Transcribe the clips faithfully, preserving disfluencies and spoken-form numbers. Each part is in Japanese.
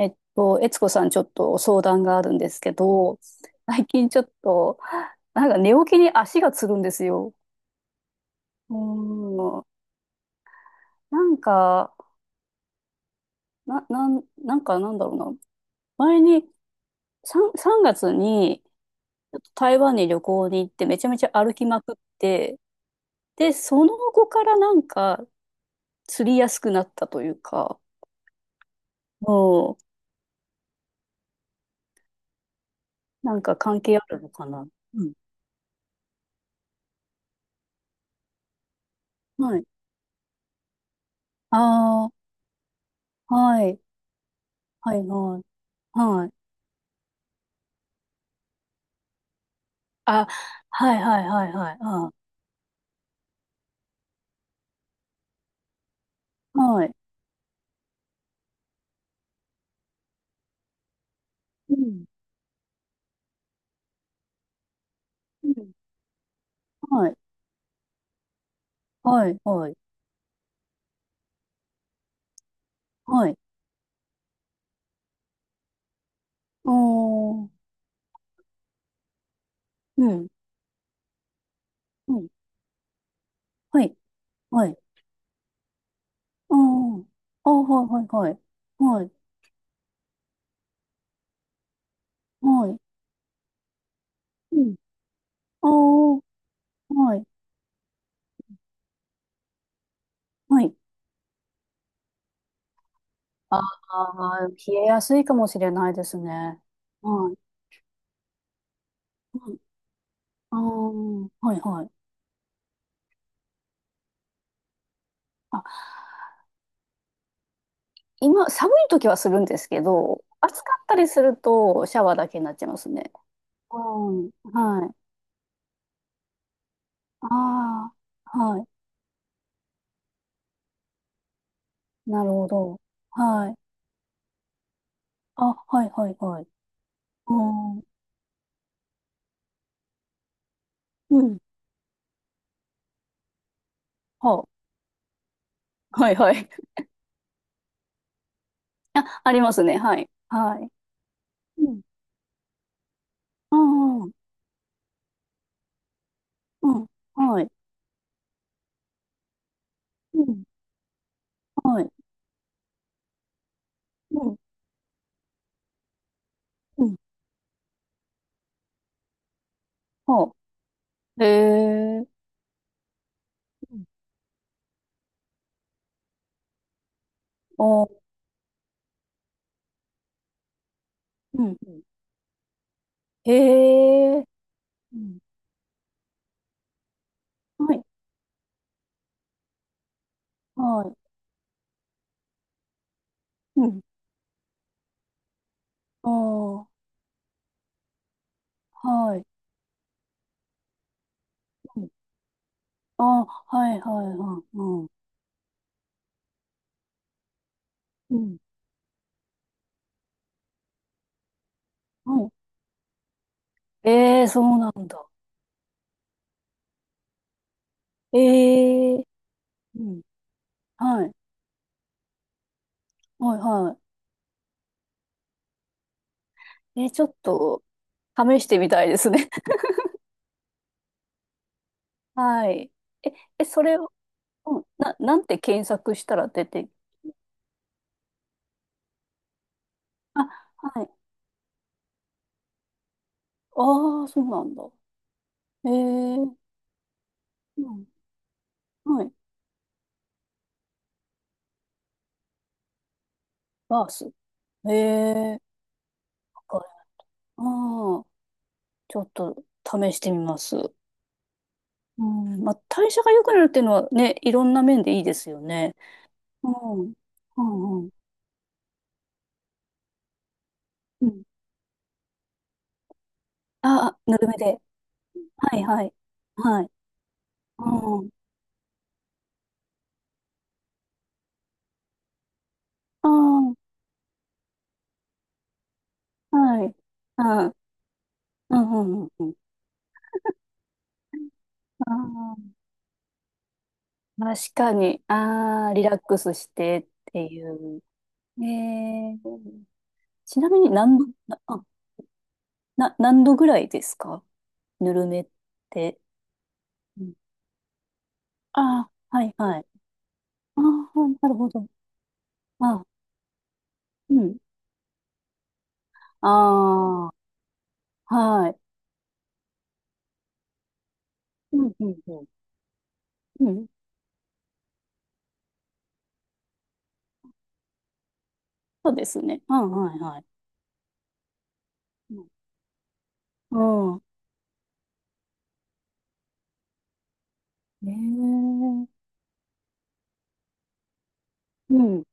えっと、悦子さん、ちょっと相談があるんですけど、最近ちょっと、なんか寝起きに足がつるんですよ。うーん、なんか、な、なん、なんかなんだろうな。前に、さん、さんがつに、ちょっと台湾に旅行に行って、めちゃめちゃ歩きまくって、で、その後からなんか、釣りやすくなったというか、もう、なんか関係あるのかな。うん。はい。ああ、はい、はい、はい、あ、はいはいはいはい。あ、はい。うん。うん。はい。はい。はい。はい。おー。うん。うん。はい。はい。おー。あ、はいはいはい。はい。はい。うん。おー。はい。はい。ああ、冷えやすいかもしれないですね。はい。うん。あー。はいはい。あ、今、寒い時はするんですけど、暑かったりするとシャワーだけになっちゃいますね。うん。はい。ああ、はい。なるほど。はい。あ、はい、はい、はい。うん。うん。はあ、はい、はい。あ、ありますね。はい。はい。うん。ああうん、はい。うん。はい。うん。うん。はあ。へえ。うん。ああ、うん。うんへえ。うん。はい。はい。うん。ああ、はい。うん。ああ、はい、はい、はい。うん。うん。はい。ええ、そうなんだ。ええ。うん。はい。はいはい。え、ちょっと、試してみたいですね。はい。え、え、それを、うんな、なんて検索したら出て、あ、はい。ああ、そうなんだ。えー、うん、はい。バース。ええー、わかる。ああ、ちょっと試してみます。うん、まあ、代謝が良くなるっていうのはね、いろんな面でいいですよね。うん、うん、うん。うんああ、ぬるめで。はい、はい。はい。うん。ああ、はい。あー、うんうんうんうん。ああ、確かに。ああ、リラックスしてっていう。ええちなみに何度、な、あ、な、何度ぐらいですかぬるめって。うんああ、はいはい。ああ、なるほど。あ、うん。ああ、はい。うんうんうん。うん。そうですね。あ、はいはい。うん。うんええうん。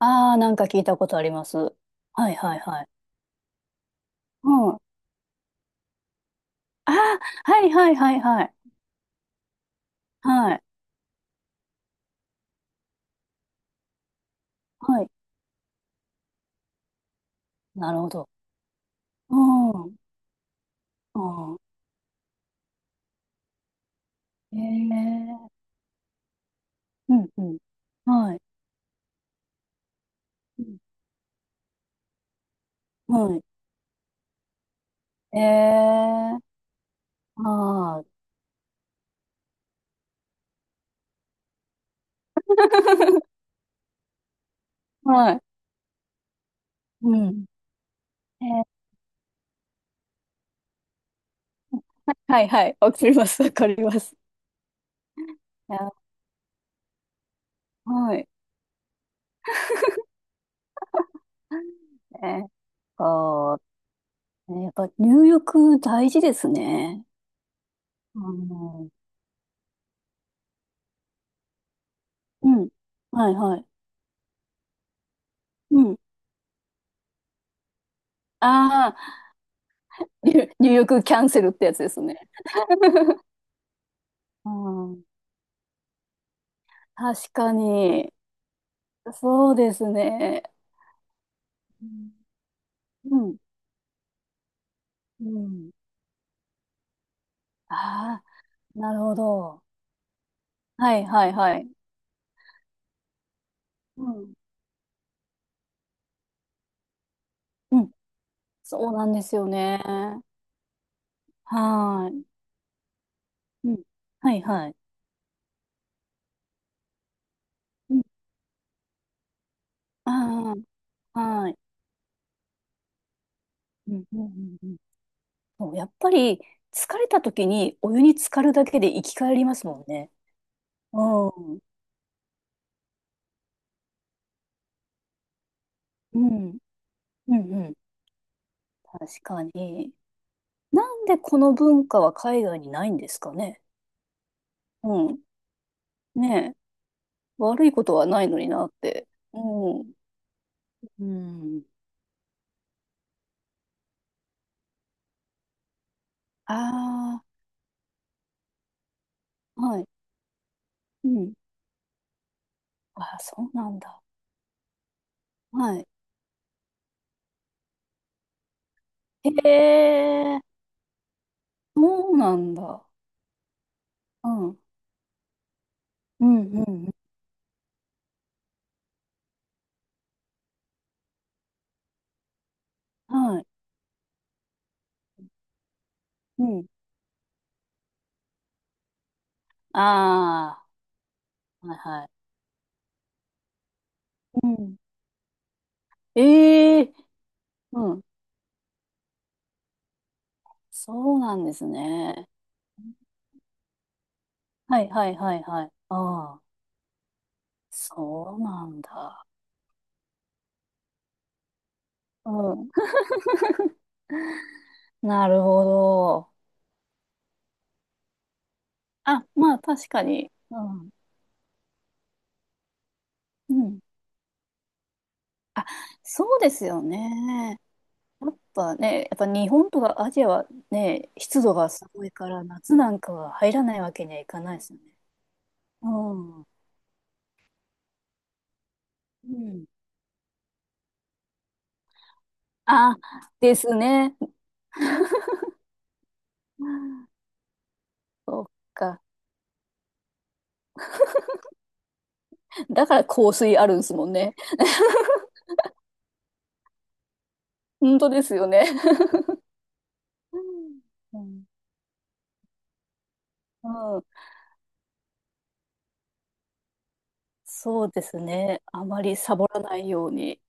ああー、なんか聞いたことあります。はいはいはい。うん。ああ、はいはいはいはい。はい。はい。なるほど。うん。うん。ええうん、うん。はい。うんはい。ええああ。はい。うん。ええ はいはい。わかります。わかります。いやはい。えー、ねやっぱ入浴大事ですね。あの、うん。はいはい。うん。ああ、入入浴キャンセルってやつですね。確かに。そうですね。うん、うん。ああ、なるほど。はい、はい、はい。うん。うん。そうなんですよね。はーい。うん。はい、はい。うん。ああ、はい。うん、うん、うんうん。そう、やっぱり、疲れた時にお湯に浸かるだけで生き返りますもんね。うん。うん。うん、うん。確かに。なんでこの文化は海外にないんですかね。うん。ね悪いことはないのになって。うん。うん。ああ、はい。うん。ああ、そうなんだ。はい。へえ、そうなんだ。うん。うん、うん、うん。はい。うん。ああ、はい、はい。うん。ええ、うん。そうなんですね。はい、はい、はい、はい。ああ、そうなんだ。うん。なるほど。あ、まあ、確かに。うん。うん。あ、そうですよね。やっぱね、やっぱ日本とかアジアはね、湿度がすごいから、夏なんかは入らないわけにはいかないですよね。うん。うん。あ、ですね。そっか。だから香水あるんですもんね。本当ですよね。うん。うん。そうですね。あまりサボらないように。